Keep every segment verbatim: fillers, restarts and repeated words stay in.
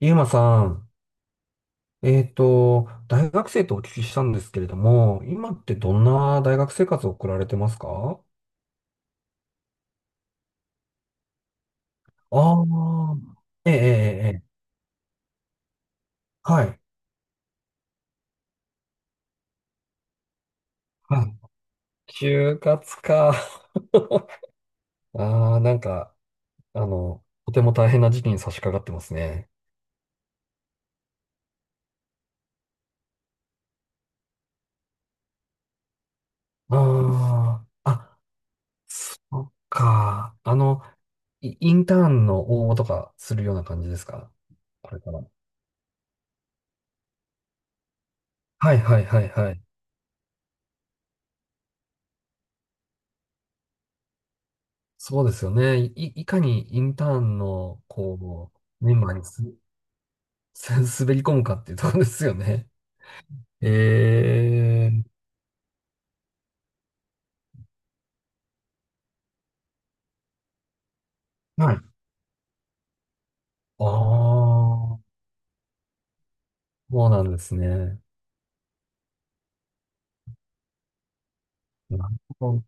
ゆうまさん、えっと、大学生とお聞きしたんですけれども、今ってどんな大学生活を送られてますか？ああー、ええ、ええ、ええ、はい。はい。就活か。ああ、なんか、あの、とても大変な時期に差し掛かってますね。ああ、あ、そっか。あの、イインターンの応募とかするような感じですか？これから。はい、はい、はい、はい。そうですよね。い、いかにインターンの、こう、メンバーにす、す滑り込むかっていうところですよね。えー、はい。ああ、そうなんですね。なるほど。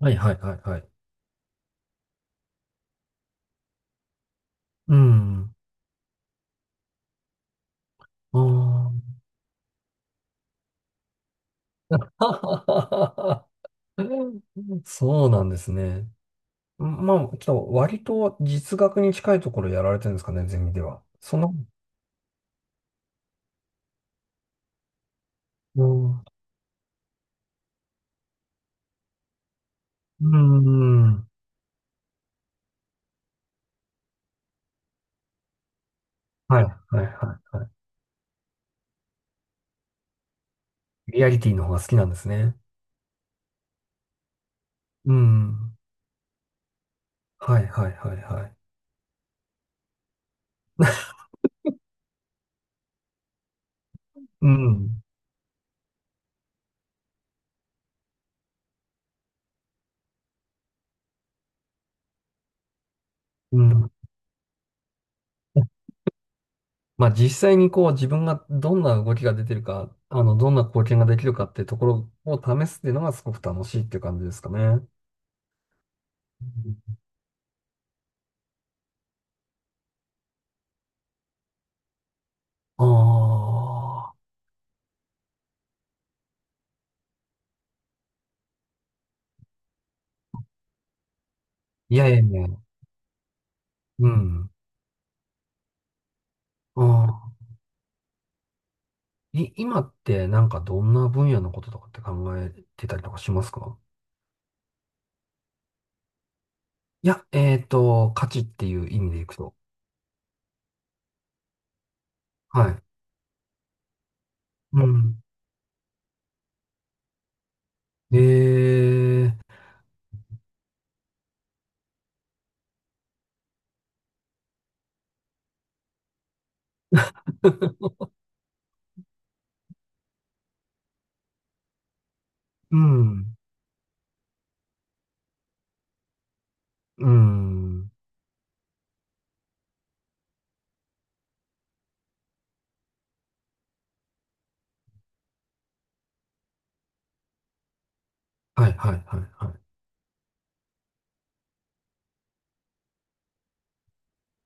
はいはいはいはい。うん。ああ。そうなんですね。まあ、ちょっと割と実学に近いところやられてるんですかね、ゼミでは。その、うん、うん、はいはいはい。リアリティの方が好きなんですね。うん。はいはいはいはい。うん。うん。まあ実際にこう自分がどんな動きが出てるか、あの、どんな貢献ができるかってところを試すっていうのがすごく楽しいっていう感じですかね。ああー。いやいやいや。うん。ああ。い、今ってなんかどんな分野のこととかって考えてたりとかしますか？いや、えっと、価値っていう意味でいくと。はい。うん。ええ、うん。うん。はいはいはいはい。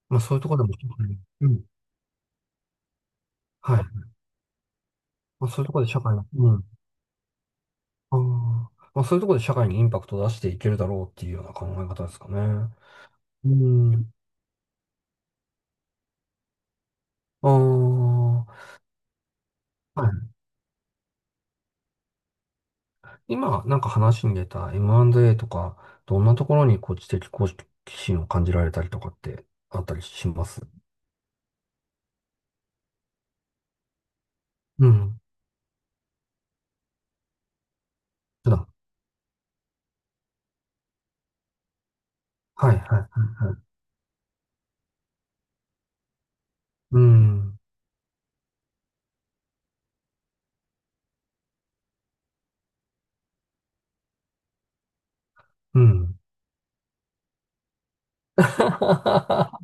まあそういうところでも社会に、うん。はい。まあそういうところで社会に、うん。ああ。まあそういうところで社会にインパクトを出していけるだろうっていうような考え方ですかね。うん。ああ。はい。今なんか話に出た エムアンドエー とか、どんなところにこう知的好奇心を感じられたりとかってあったりします？うん。普段。はいはいはいはい。うん。うん。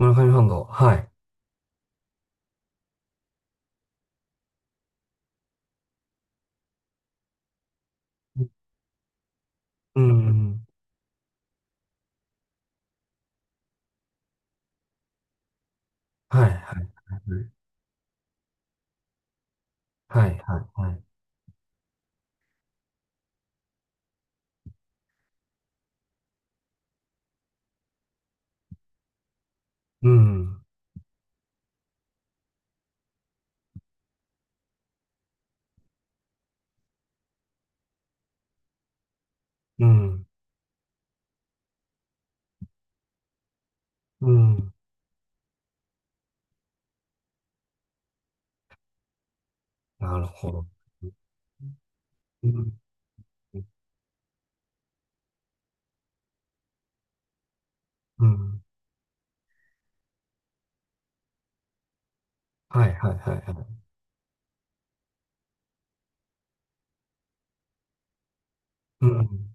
村上ファンド。はい。うん。はいはいはい。はい、はい、はい。うん、うん、うん。なるほど。うん、うん。はい、はい、はい、はい。うん。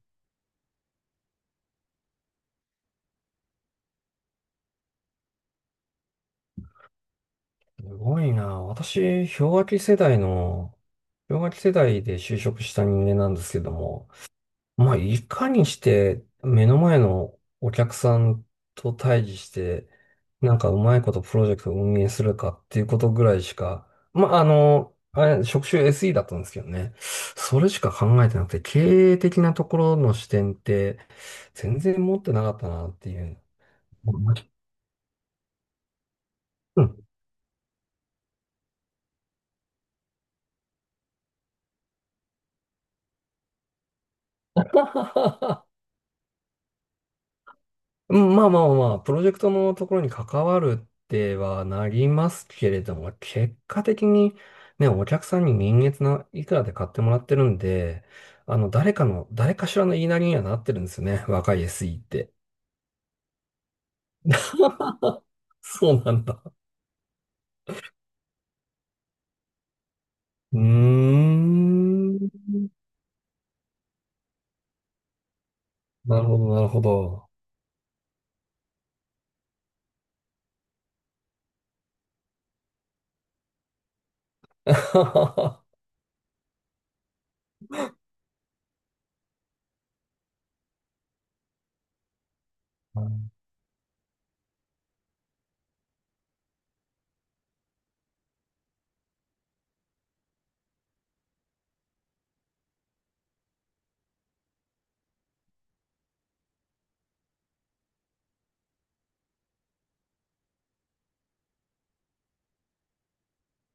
すごいな。私、氷河期世代の、氷河期世代で就職した人間なんですけども、まあ、いかにして目の前のお客さんと対峙して、なんかうまいことプロジェクトを運営するかっていうことぐらいしか、まあ、あの、あれ、職種 エスイー だったんですけどね。それしか考えてなくて、経営的なところの視点って全然持ってなかったなっていう。うん。うんまあまあまあ、プロジェクトのところに関わるってはなりますけれども、結果的にね、お客さんに人月ないくらで買ってもらってるんで、あの、誰かの、誰かしらの言いなりにはなってるんですよね。若い エスイー って。そうなんだ。うーん。なるほど、なるほど。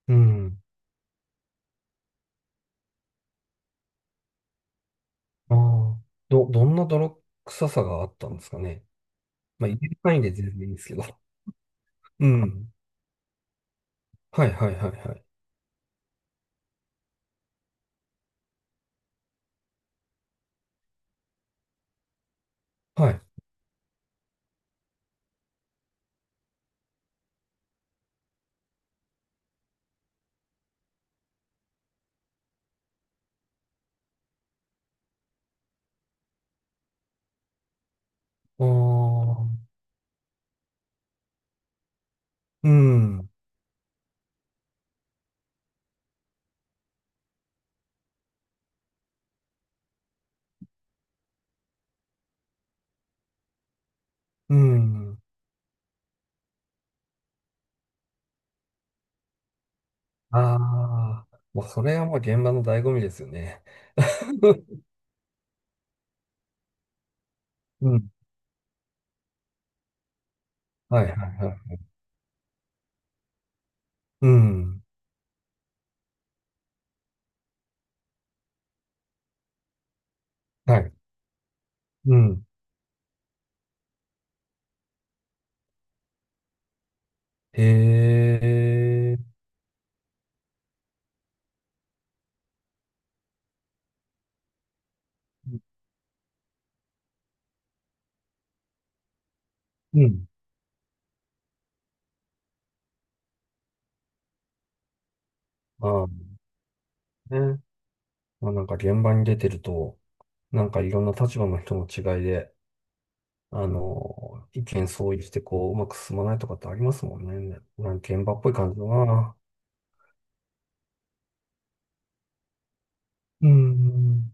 うん。ああ。ど、どんな泥臭さがあったんですかね。まあ、言える範囲で全然いいんですけど。うん。はい、はい、はい、はい。はいおー、うん、うん。ああ、もうそれはもう現場の醍醐味ですよね。うん。はいはいはい。うん。はい。うん。へえ。うん。ああ、ね。まあ、なんか現場に出てると、なんかいろんな立場の人の違いで、あの、意見相違してこう、うまく進まないとかってありますもんね。なんか現場っぽい感じだな。うん。